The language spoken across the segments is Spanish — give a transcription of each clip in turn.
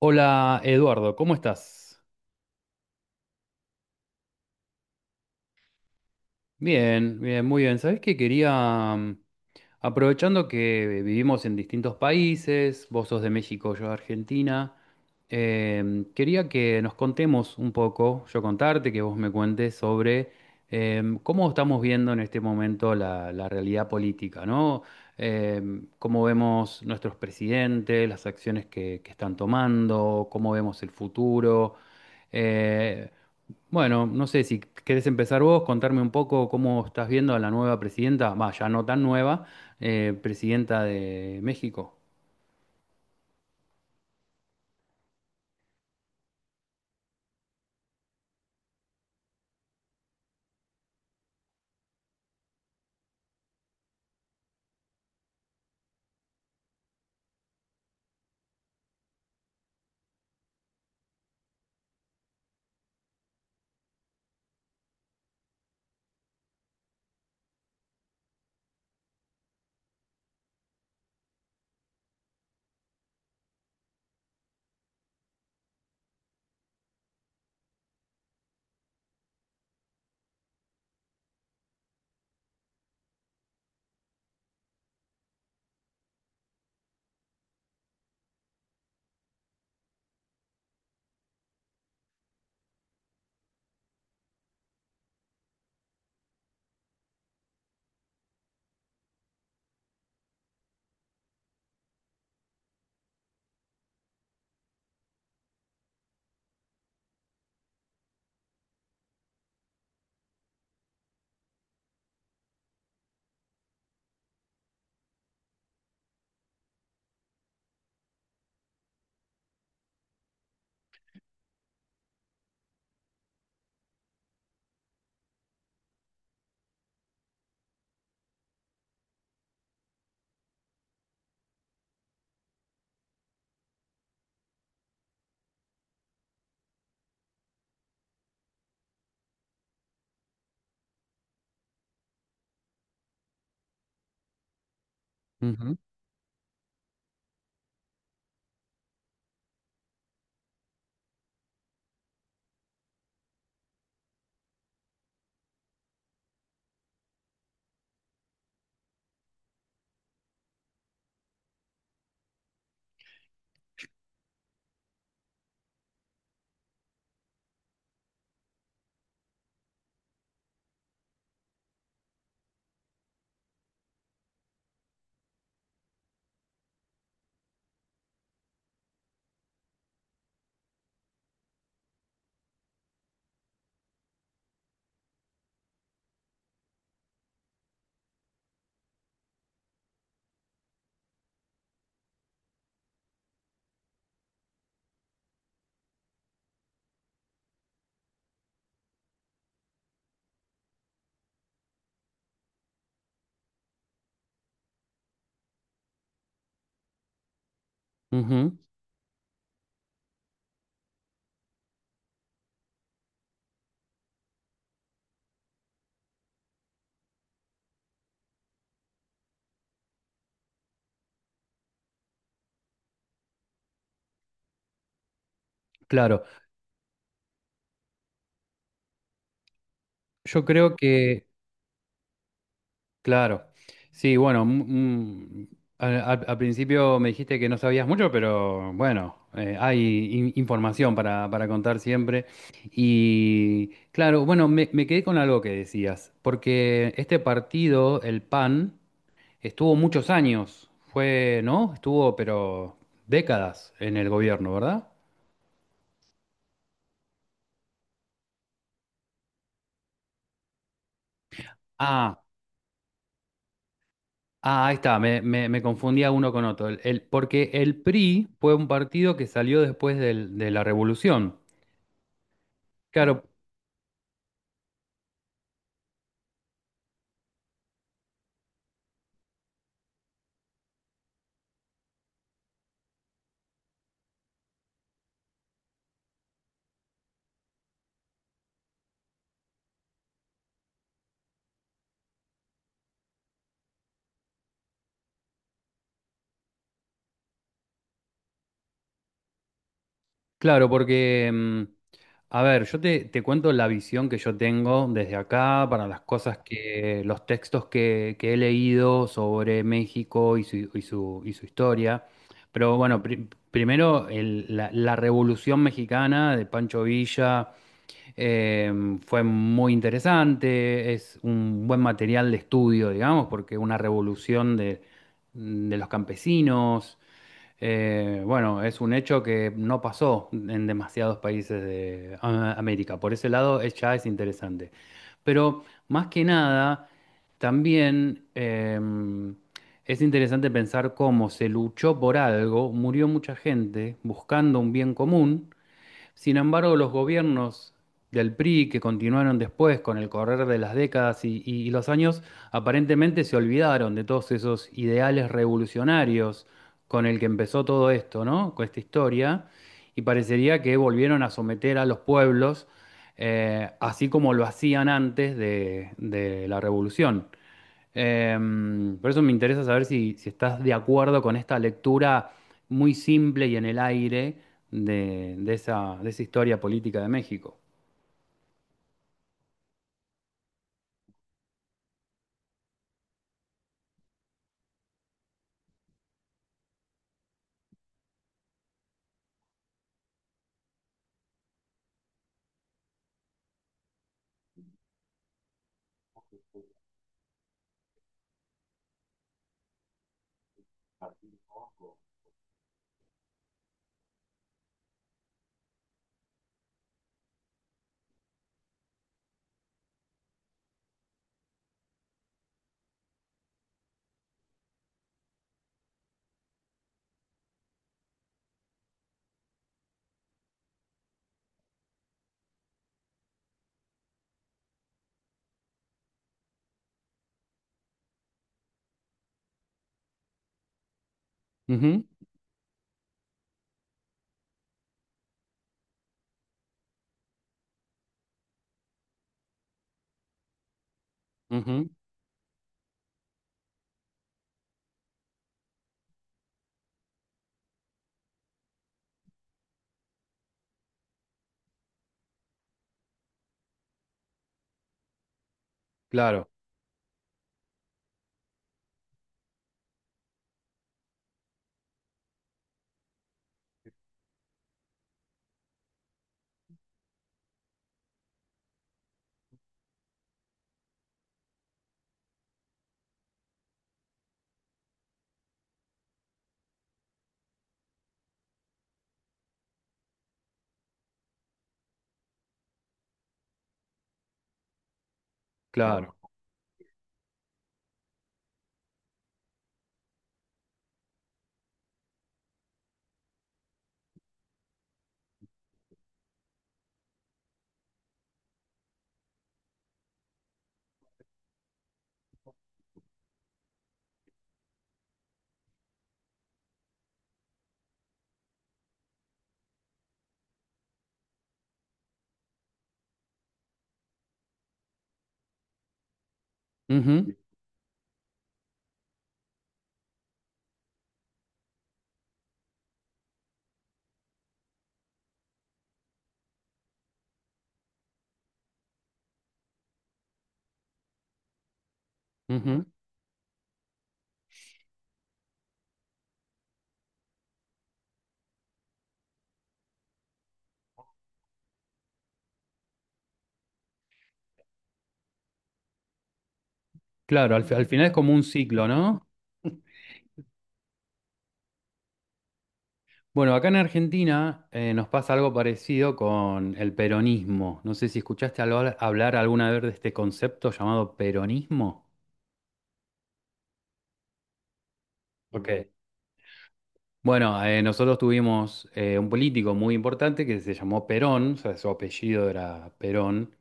Hola Eduardo, ¿cómo estás? Bien, bien, muy bien. Sabés que quería, aprovechando que vivimos en distintos países, vos sos de México, yo de Argentina, quería que nos contemos un poco, yo contarte, que vos me cuentes sobre cómo estamos viendo en este momento la realidad política, ¿no? Cómo vemos nuestros presidentes, las acciones que están tomando, cómo vemos el futuro. Eh, bueno, no sé si querés empezar vos, contarme un poco cómo estás viendo a la nueva presidenta, va, ya no tan nueva, presidenta de México. Ujú, ujú, claro, yo creo que, claro, sí, bueno, mm, al principio me dijiste que no sabías mucho, pero bueno, hay información para contar siempre. Y claro, bueno, me quedé con algo que decías, porque este partido, el PAN, estuvo muchos años, fue, ¿no? Estuvo, pero décadas en el gobierno, ¿verdad? Ah, ah, ahí está, me confundía uno con otro. Porque el PRI fue un partido que salió después de la revolución. Claro, claro, porque, a ver, yo te cuento la visión que yo tengo desde acá para las cosas que, los textos que he leído sobre México y su historia. Pero bueno, primero la Revolución Mexicana de Pancho Villa, eh, fue muy interesante, es un buen material de estudio, digamos, porque una revolución de los campesinos, bueno, es un hecho que no pasó en demasiados países de América. Por ese lado es- ya es interesante. Pero más que nada, también, es interesante pensar cómo se luchó por algo, murió mucha gente buscando un bien común. Sin embargo, los gobiernos del PRI que continuaron después con el correr de las décadas y, y los años, aparentemente se olvidaron de todos esos ideales revolucionarios con el que empezó todo esto, ¿no? Con esta historia, y parecería que volvieron a someter a los pueblos, así como lo hacían antes de la revolución. Por eso me interesa saber si estás de acuerdo con esta lectura muy simple y en el aire de, de esa historia política de México. Ujú, ujú, claro, claro. Ujú, ujú, claro, al final es como un ciclo, ¿no? Bueno, acá en Argentina, nos pasa algo parecido con el peronismo. No sé si escuchaste hablar alguna vez de este concepto llamado peronismo. Ok. Bueno, nosotros tuvimos, un político muy importante que se llamó Perón, o sea, su apellido era Perón,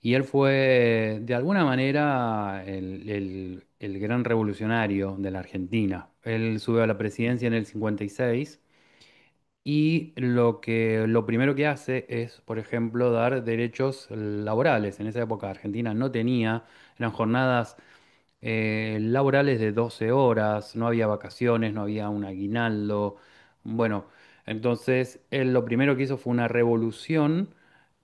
y él fue de alguna manera el gran revolucionario de la Argentina. Él sube a la presidencia en el 56 y seis, y lo que, lo primero que hace es, por ejemplo, dar derechos laborales. En esa época Argentina no tenía, eran jornadas, laborales de 12 horas, no había vacaciones, no había un aguinaldo. Bueno, entonces él lo primero que hizo fue una revolución,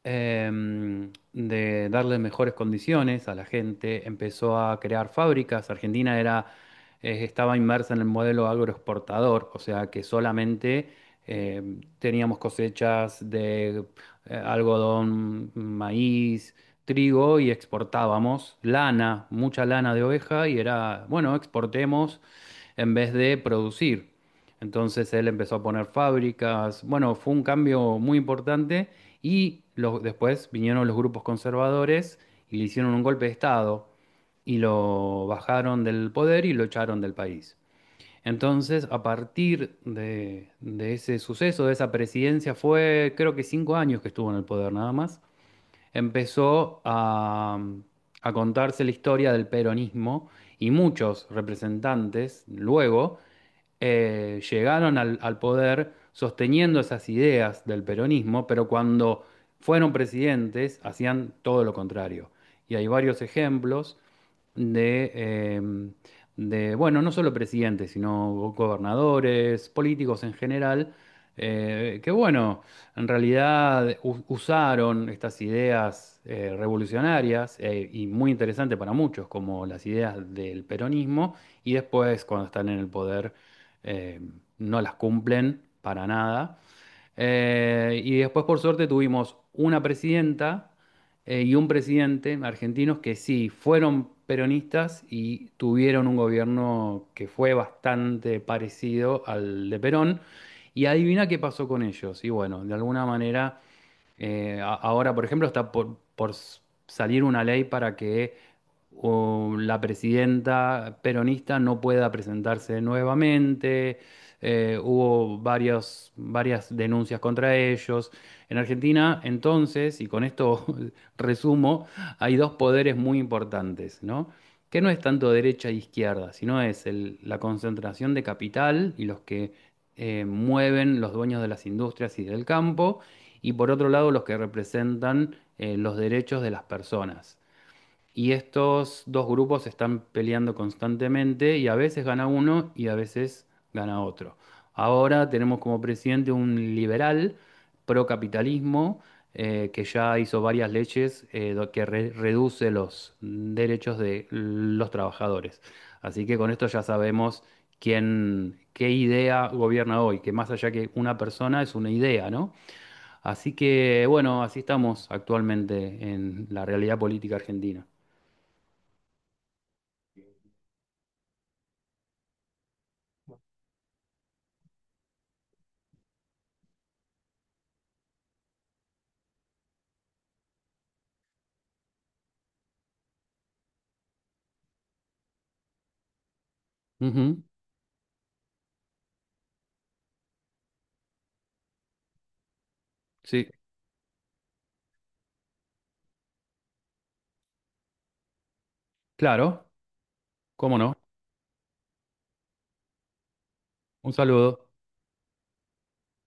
de darle mejores condiciones a la gente, empezó a crear fábricas. Argentina era, estaba inmersa en el modelo agroexportador, o sea que solamente, teníamos cosechas de algodón, maíz, trigo, y exportábamos lana, mucha lana de oveja y era, bueno, exportemos en vez de producir. Entonces él empezó a poner fábricas, bueno, fue un cambio muy importante, y los- después vinieron los grupos conservadores y le hicieron un golpe de Estado y lo bajaron del poder y lo echaron del país. Entonces, a partir de ese suceso, de esa presidencia, fue creo que 5 años que estuvo en el poder nada más, empezó a, contarse la historia del peronismo y muchos representantes luego, llegaron al poder sosteniendo esas ideas del peronismo, pero cuando fueron presidentes hacían todo lo contrario. Y hay varios ejemplos de, em, de, bueno, no solo presidentes, sino gobernadores, políticos en general, que bueno, en realidad usaron estas ideas, revolucionarias, y muy interesantes para muchos, como las ideas del peronismo, y después cuando están en el poder, eh, no las cumplen para nada. Y después, por suerte, tuvimos una presidenta, y un presidente argentinos que sí fueron peronistas y tuvieron un gobierno que fue bastante parecido al de Perón. Y adivina qué pasó con ellos. Y bueno, de alguna manera, ahora, por ejemplo, está por salir una ley para que la presidenta peronista no pueda presentarse nuevamente. Hubo varias denuncias contra ellos. En Argentina, entonces, y con esto resumo, hay dos poderes muy importantes, ¿no? Que no es tanto derecha e izquierda, sino es la concentración de capital y los que, mueven los dueños de las industrias y del campo, y por otro lado los que representan, los derechos de las personas. Y estos dos grupos están peleando constantemente y a veces gana uno y a veces gana otro. Ahora tenemos como presidente un liberal procapitalismo, que ya hizo varias leyes, que reduce los derechos de los trabajadores. Así que con esto ya sabemos quién, qué idea gobierna hoy, que más allá que una persona es una idea, ¿no? Así que bueno, así estamos actualmente en la realidad política argentina. Ujú, sí, claro, cómo no. Un saludo.